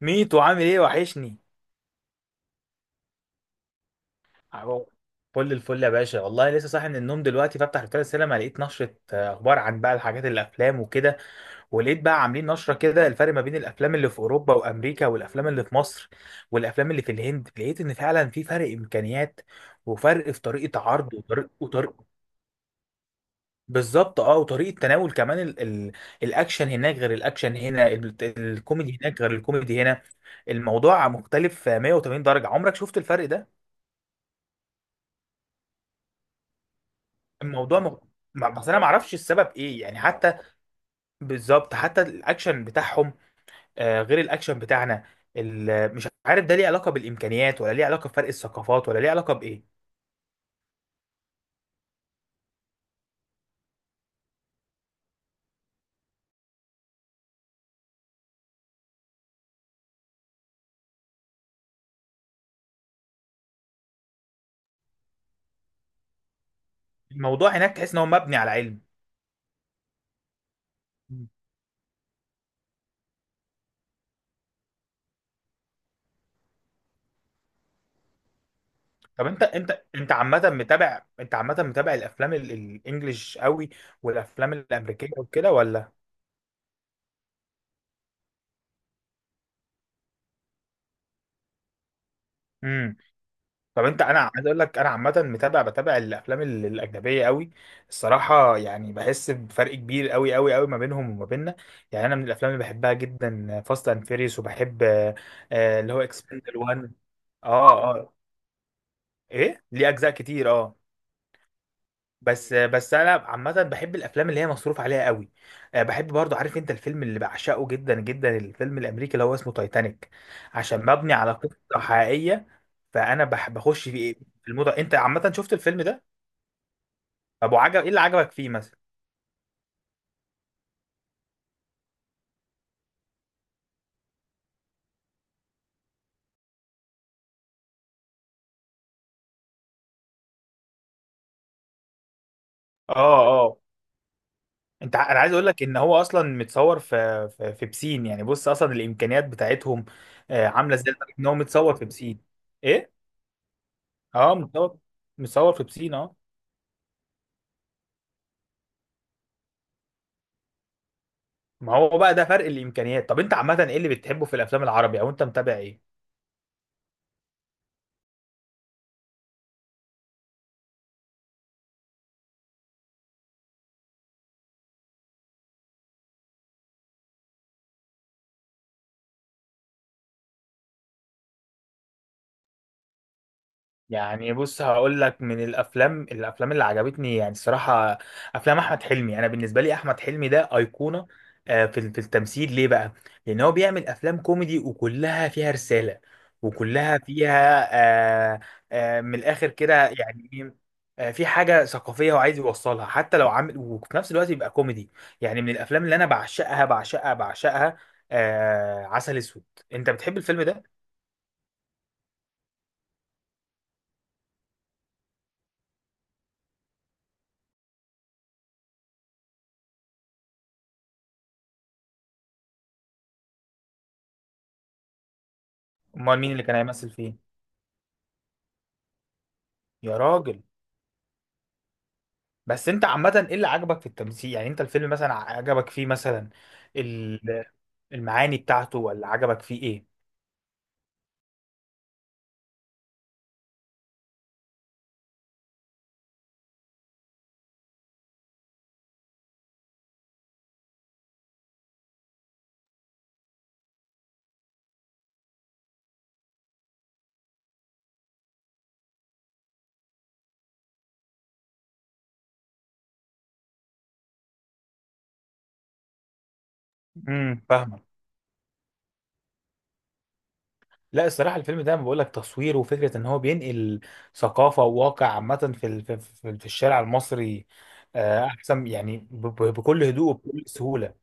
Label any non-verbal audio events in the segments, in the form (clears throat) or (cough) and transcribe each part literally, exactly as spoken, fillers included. ميتو عامل ايه وحشني؟ أهو. فل الفل يا باشا، والله لسه صاحي من النوم. دلوقتي بفتح رسالة السينما لقيت نشرة آه، اخبار عن بقى الحاجات الافلام وكده. ولقيت بقى عاملين نشرة كده الفرق ما بين الافلام اللي في اوروبا وامريكا، والافلام اللي في مصر، والافلام اللي في الهند. لقيت ان فعلا في فرق امكانيات، وفرق في طريقة عرض وطريقة وطريقة. بالظبط اه وطريقة تناول كمان ال... ال... الاكشن هناك غير الاكشن هنا، ال... الكوميدي هناك غير الكوميدي هنا. الموضوع مختلف آه، مية وتمانين درجة. عمرك شفت الفرق ده؟ الموضوع مغ... ما- بس انا ما اعرفش السبب ايه يعني حتى. بالظبط حتى الاكشن بتاعهم آه، غير الاكشن بتاعنا. ال- مش عارف ده ليه علاقه بالامكانيات، ولا ليه علاقه بفرق الثقافات، ولا ليه علاقه بايه. الموضوع هناك تحس ان هو مبني على علم. مم. طب انت انت انت عامه متابع انت عامه متابع الافلام ال- الانجليش قوي، والافلام الامريكيه وكده ولا؟ مم. طب انت انا عايز اقول لك، انا عامه متابع بتابع الافلام ال- الاجنبيه قوي. الصراحه يعني بحس بفرق كبير قوي قوي قوي ما بينهم وما بيننا. يعني انا من الافلام اللي بحبها جدا فاست اند فيريوس، وبحب آه، آه، اللي هو اكسبندبل واحد. اه اه. ايه ليه اجزاء كتير اه. بس بس انا عامه بحب الافلام اللي هي مصروف عليها قوي. آه، بحب برضو. عارف انت الفيلم اللي بعشقه جدا جدا؟ الفيلم الامريكي اللي هو اسمه تايتانيك، عشان مبني على قصه حقيقيه. فانا بح- بخش في إيه؟ في الموضوع. انت عامه شفت الفيلم ده؟ طب وعجب ايه اللي عجبك فيه مثلا؟ اه اه. انت ع- انا عايز اقول لك ان هو اصلا متصور في في, في بسين. يعني بص، اصلا الامكانيات بتاعتهم آه، عامله ازاي لدرجة ان هو متصور في بسين. ايه اه. متصور متصور في بسين اه. ما هو بقى ده فرق الامكانيات. طب انت عامه ايه اللي بتحبه في الافلام العربي، او انت متابع ايه؟ يعني بص هقول لك من الافلام الافلام اللي عجبتني يعني الصراحه، افلام احمد حلمي. انا بالنسبه لي احمد حلمي ده ايقونه آه، في في التمثيل. ليه بقى؟ لان هو بيعمل افلام كوميدي وكلها فيها رساله، وكلها فيها آه، آه، من الاخر كده يعني إيه، آه، في حاجه ثقافيه هو عايز يوصلها، حتى لو عامل وفي نفس الوقت يبقى كوميدي. يعني من الافلام اللي انا بعشقها بعشقها بعشقها آه، عسل اسود. انت بتحب الفيلم ده؟ امال مين اللي كان هيمثل فيه؟ يا راجل. بس انت عامة ايه اللي عجبك في التمثيل؟ يعني انت الفيلم مثلا عجبك فيه مثلا؟ ال- المعاني بتاعته، ولا عجبك فيه ايه؟ امم فاهمك. لا الصراحة الفيلم ده، بقول لك، تصوير وفكرة ان هو بينقل ثقافة وواقع عامة في ال- في في- في الشارع المصري، آه، احسن يعني ب- ب- بكل هدوء وبكل سهولة.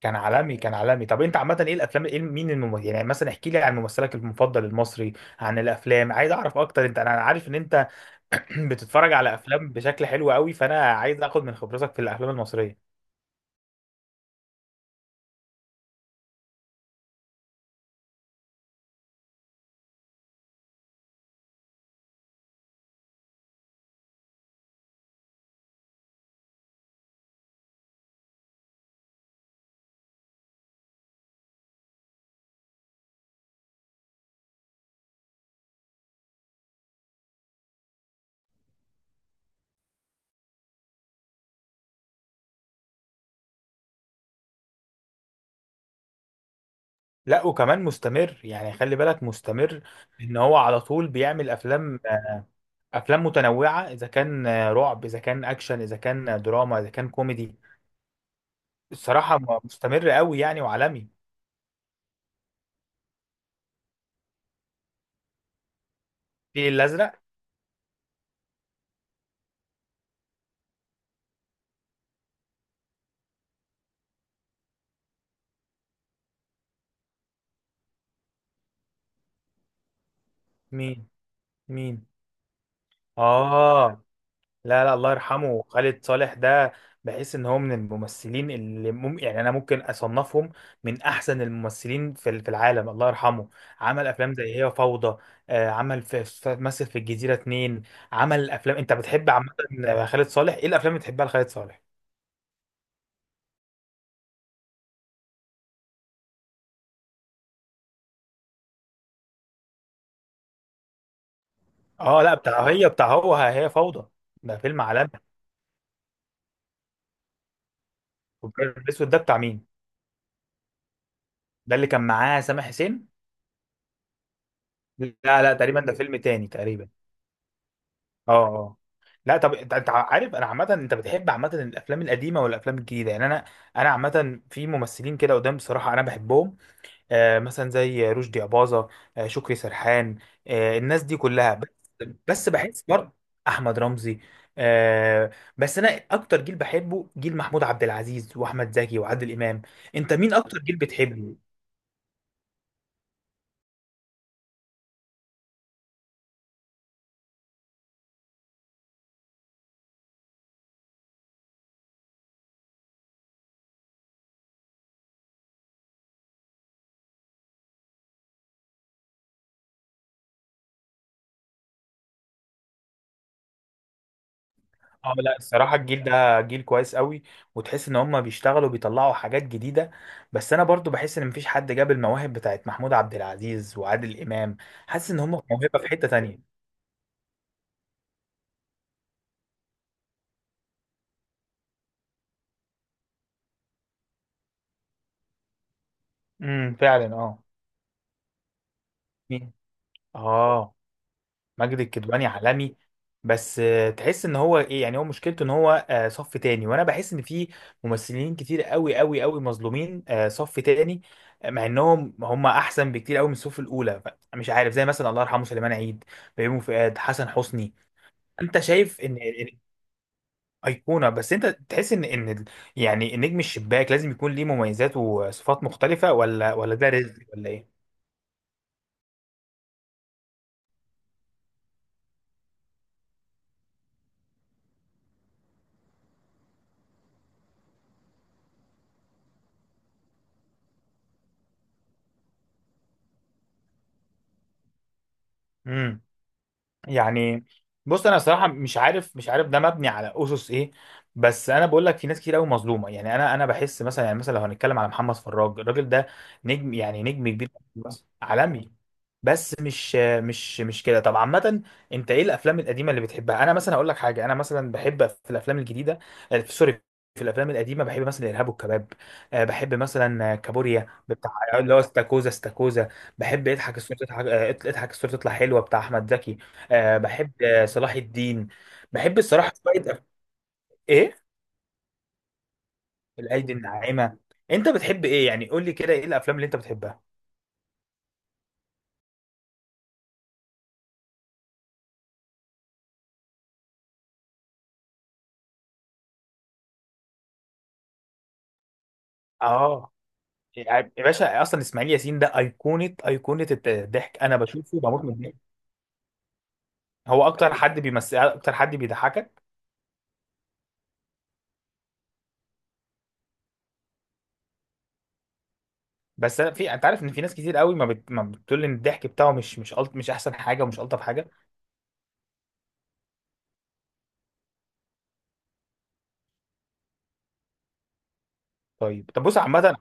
كان عالمي. كان عالمي. طب انت عامة ايه الافلام، ايه مين الممثل؟ يعني مثلا احكي لي عن ممثلك المفضل المصري، عن الافلام. عايز اعرف اكتر. انت، انا عارف ان انت (clears throat) بتتفرج على افلام بشكل حلو قوي، فانا عايز اخد من خبرتك في الافلام المصريه. لا وكمان مستمر، يعني خلي بالك مستمر، ان هو على طول بيعمل افلام افلام متنوعه، اذا كان رعب، اذا كان اكشن، اذا كان دراما، اذا كان كوميدي. الصراحه مستمر قوي يعني، وعالمي. الفيل الازرق. مين؟ مين؟ اه لا لا، الله يرحمه خالد صالح ده. بحس ان هو من الممثلين اللي مم... يعني انا ممكن اصنفهم من احسن الممثلين في ال- في العالم. الله يرحمه. عمل افلام زي هي فوضى، آه، عمل في في- مثل في الجزيرة اتنين. عمل افلام. انت بتحب عامة خالد صالح؟ ايه الافلام اللي بتحبها لخالد صالح؟ اه لا، بتاع هي بتاع هو هي فوضى. ده فيلم عالمي. والابيض الاسود ده بتاع مين؟ ده اللي كان معاه سامح حسين؟ لا. لا تقريبا ده فيلم تاني تقريبا. اه اه. لا طب انت انت عارف، انا عامه انت بتحب عامه الافلام القديمه ولا الافلام الجديده؟ يعني انا، انا عامه في ممثلين كده قدام بصراحه انا بحبهم، آه مثلا زي رشدي اباظه، آه شكري سرحان، آه الناس دي كلها بس. بس بحس برضه، احمد رمزي، آه بس انا اكتر جيل بحبه جيل محمود عبد العزيز واحمد زكي وعادل امام. انت مين اكتر جيل بتحبه؟ اه لا الصراحة الجيل ده جيل كويس قوي، وتحس ان هم بيشتغلوا، بيطلعوا حاجات جديدة. بس انا برضو بحس ان مفيش حد جاب المواهب بتاعت محمود عبد العزيز وعادل امام. حاسس ان هم موهبة في حتة تانية. امم فعلا اه. مين؟ اه. ماجد الكدواني عالمي. بس آه، تحس ان هو ايه، يعني هو مشكلته ان هو آه، صف تاني، وانا بحس ان في ممثلين كتير قوي قوي قوي مظلومين آه، صف تاني، آه، مع انهم هم احسن بكتير قوي من الصف الاولى. ف- مش عارف، زي مثلا الله يرحمه سليمان عيد، بيومي فؤاد، حسن حسني. انت شايف ان إن ايقونه؟ بس انت تحس ان ان ال- يعني النجم الشباك لازم يكون ليه مميزات وصفات مختلفه، ولا ولا ده رزق ولا ايه؟ إمم. يعني بص انا صراحه مش عارف مش عارف ده مبني على اسس ايه. بس انا بقول لك في ناس كتير قوي مظلومه، يعني انا انا بحس مثلا، يعني مثلا لو هنتكلم على محمد فراج، الراجل ده نجم، يعني نجم كبير. بس عالمي. بس مش مش مش كده. طب عامه، انت ايه الافلام القديمه اللي بتحبها؟ انا مثلا هقول لك حاجه، انا مثلا بحب في الافلام الجديده آه، في. سوري. في الافلام القديمه بحب مثلا الارهاب والكباب، آه، بحب مثلا آه، كابوريا بتاع، اللي هو استاكوزا استاكوزا. بحب اضحك الصوره تضحك آه، اضحك الصوره تطلع حلوه بتاع احمد زكي. آه بحب آه، صلاح الدين. بحب الصراحة شوية أف... إيه؟ الأيدي الناعمة. أنت بتحب إيه يعني؟ قول لي كده إيه الأفلام اللي أنت بتحبها؟ آه يا باشا، أصلا إسماعيل ياسين ده أيقونة، أيقونة الضحك. أنا بشوفه بموت من الضحك. هو أكتر حد بيمثل أكتر حد بيضحكك. بس أنا في أنت عارف إن في ناس كتير قوي ما, بت... ما بتقول إن الضحك بتاعه مش مش ألط... مش أحسن حاجة ومش ألطف حاجة. طيب طب بص عامة،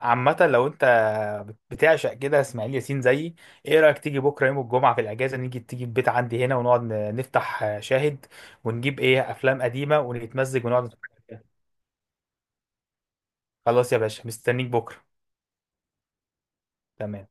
عامة لو انت بتعشق كده اسماعيل ياسين زيي، ايه رأيك تيجي بكرة يوم الجمعة في الأجازة، نيجي تيجي البيت عندي هنا، ونقعد ن- نفتح شاهد ونجيب ايه أفلام قديمة، ونتمزج ونقعد نتفرج عليها. خلاص يا باشا مستنيك بكرة. تمام.